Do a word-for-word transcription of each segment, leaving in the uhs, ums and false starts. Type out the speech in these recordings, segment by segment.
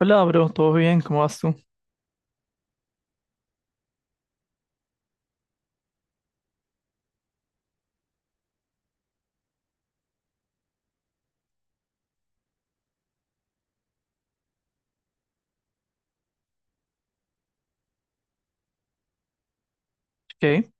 Hola, bro, ¿todo bien? ¿Cómo vas tú? Qué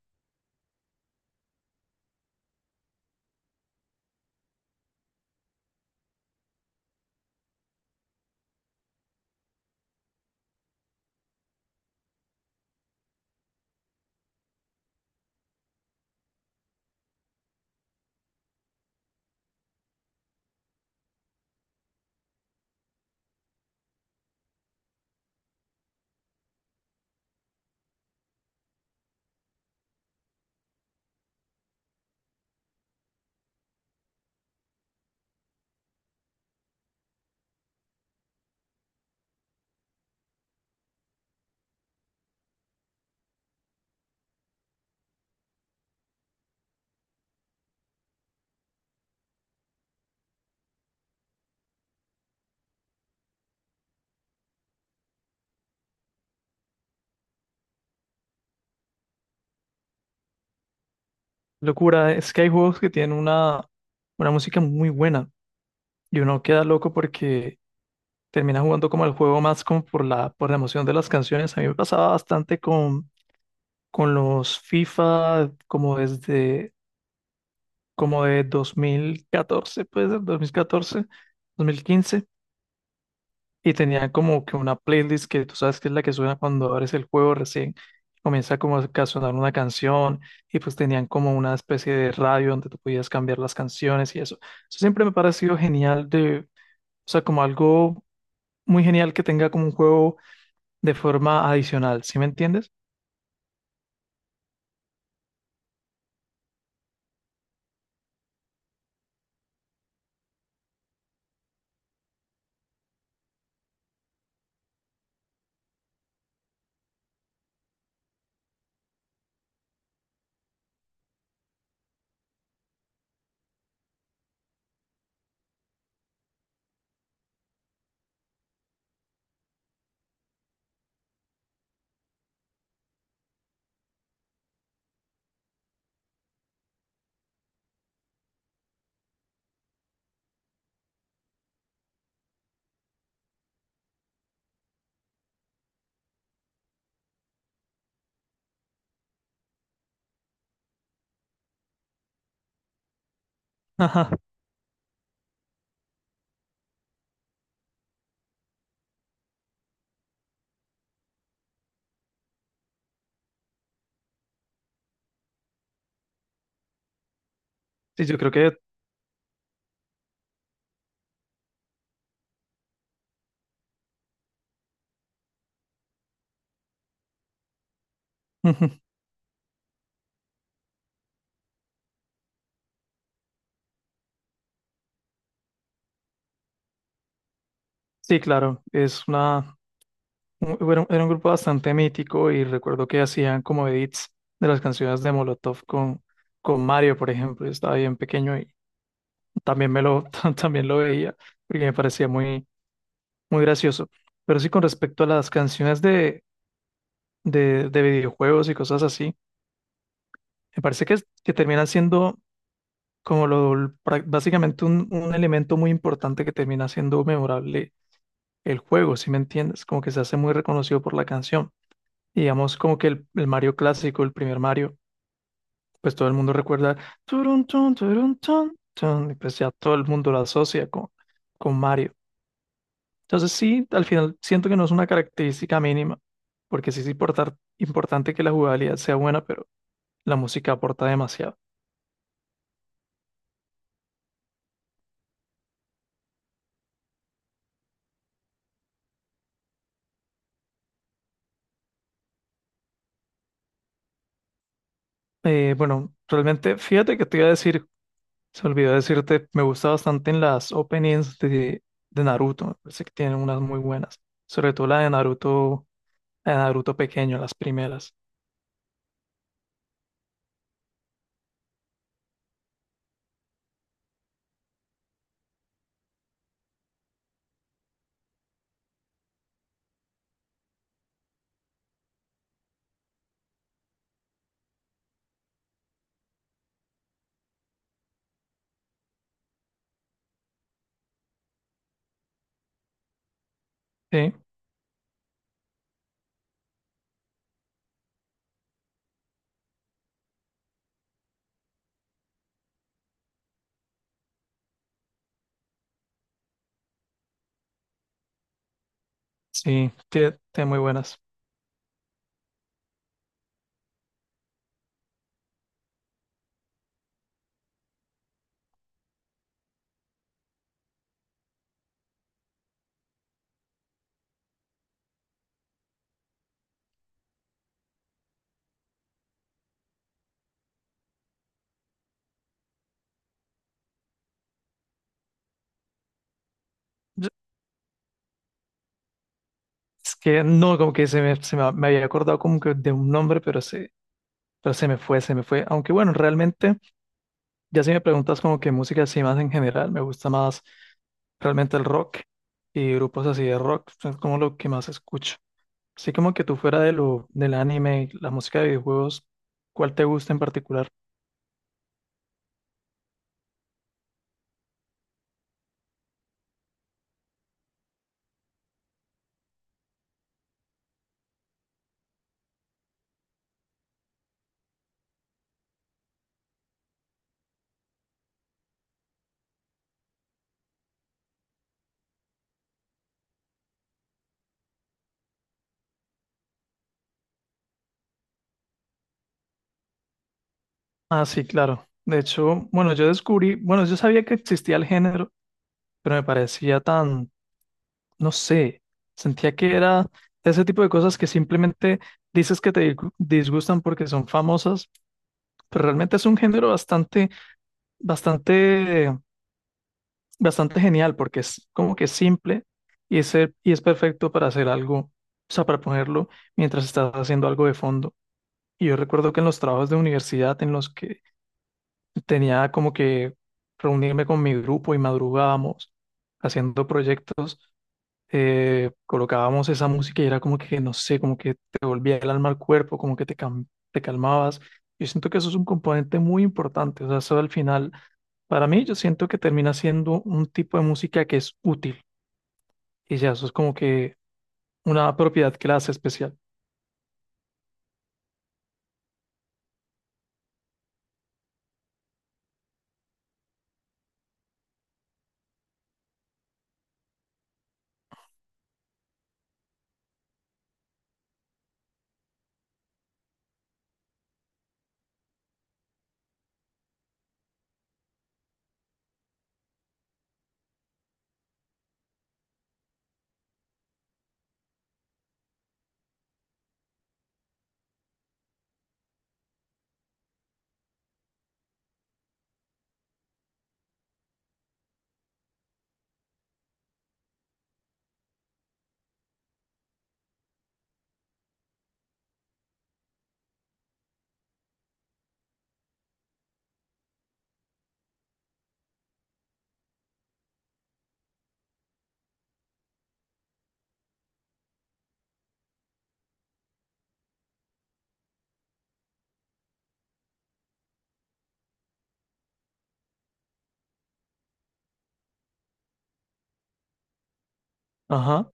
locura, es que hay juegos que tienen una, una música muy buena y uno queda loco porque termina jugando como el juego más como por la, por la emoción de las canciones. A mí me pasaba bastante con, con los FIFA como desde como de dos mil catorce, puede ser dos dos mil catorce dos mil quince. Y tenía como que una playlist que tú sabes que es la que suena cuando abres el juego recién, comienza como a sonar una canción y pues tenían como una especie de radio donde tú podías cambiar las canciones y eso. Eso siempre me ha parecido genial, de, o sea, como algo muy genial que tenga como un juego de forma adicional, ¿sí me entiendes? Ajá. Sí, yo creo que, sí, claro, es una un- era un, era un grupo bastante mítico y recuerdo que hacían como edits de las canciones de Molotov con, con Mario, por ejemplo. Yo estaba bien pequeño y también me lo, también lo veía porque me parecía muy, muy gracioso. Pero sí, con respecto a las canciones de, de, de videojuegos y cosas así, me parece que es- que terminan siendo como lo, prá- básicamente un, un elemento muy importante que termina siendo memorable el juego, ¿si me entiendes? Como que se hace muy reconocido por la canción, digamos como que el, el Mario clásico, el primer Mario, pues todo el mundo recuerda turun, tun, turun, tun, tun, y pues ya todo el mundo lo asocia con, con Mario. Entonces sí, al final siento que no es una característica mínima, porque sí es importar- importante que la jugabilidad sea buena, pero la música aporta demasiado. Eh, bueno, realmente, fíjate que te iba a decir, se olvidó decirte, me gusta bastante en las openings de, de Naruto, me parece que tienen unas muy buenas, sobre todo la de Naruto a Naruto pequeño, las primeras. Sí, sí, tiene, tiene muy buenas. Yo- Es que no, como que se me, se me, me había acordado como que de un nombre, pero se, pero se me fue, se me fue. Aunque bueno, realmente, ya si me preguntas como que música así más en general, me gusta más realmente el rock y grupos así de rock, es como lo que más escucho. Así como que tú, fuera de lo, del anime, y la música de videojuegos, ¿cuál te gusta en particular? Ah, sí, claro. De hecho, bueno, yo descubrí, bueno, yo sabía que existía el género, pero me parecía tan, no sé, sentía que era ese tipo de cosas que simplemente dices que te disgu- disgustan porque son famosas, pero realmente es un género bastante, bastante, bastante genial porque es como que simple y es, e- y es perfecto para hacer algo, o sea, para ponerlo mientras estás haciendo algo de fondo. Y yo recuerdo que en los trabajos de universidad en los que tenía como que reunirme con mi grupo y madrugábamos haciendo proyectos, eh, colocábamos esa música y era como que, no sé, como que te volvía el alma al cuerpo, como que te, cam- te calmabas. Yo siento que eso es un componente muy importante, o sea, eso al final, para mí yo siento que termina siendo un tipo de música que es útil y ya, eso es como que una propiedad que la hace especial. Ajá,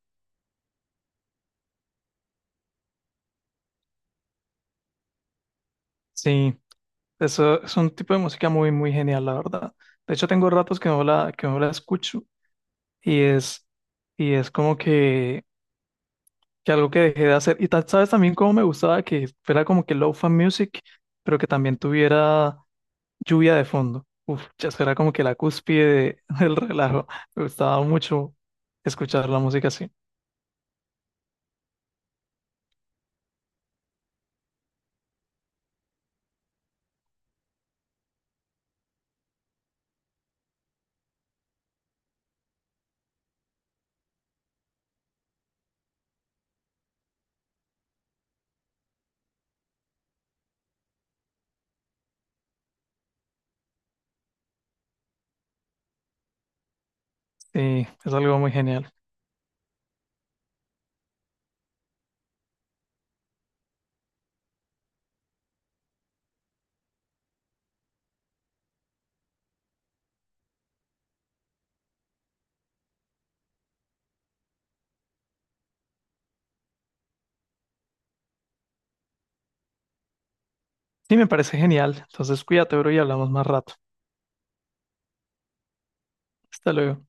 sí, eso es un tipo de música muy, muy genial, la verdad. De hecho, tengo ratos que no la, que no la escucho y es, y es como que que algo que dejé de hacer. Y tal, sabes, también cómo me gustaba que fuera como que low fan music, pero que también tuviera lluvia de fondo. Uf, ya eso era como que la cúspide de- del relajo. Me gustaba mucho escuchar la música así. Sí, es algo muy genial. Sí, me parece genial. Entonces cuídate, bro, y hablamos más rato. Hasta luego.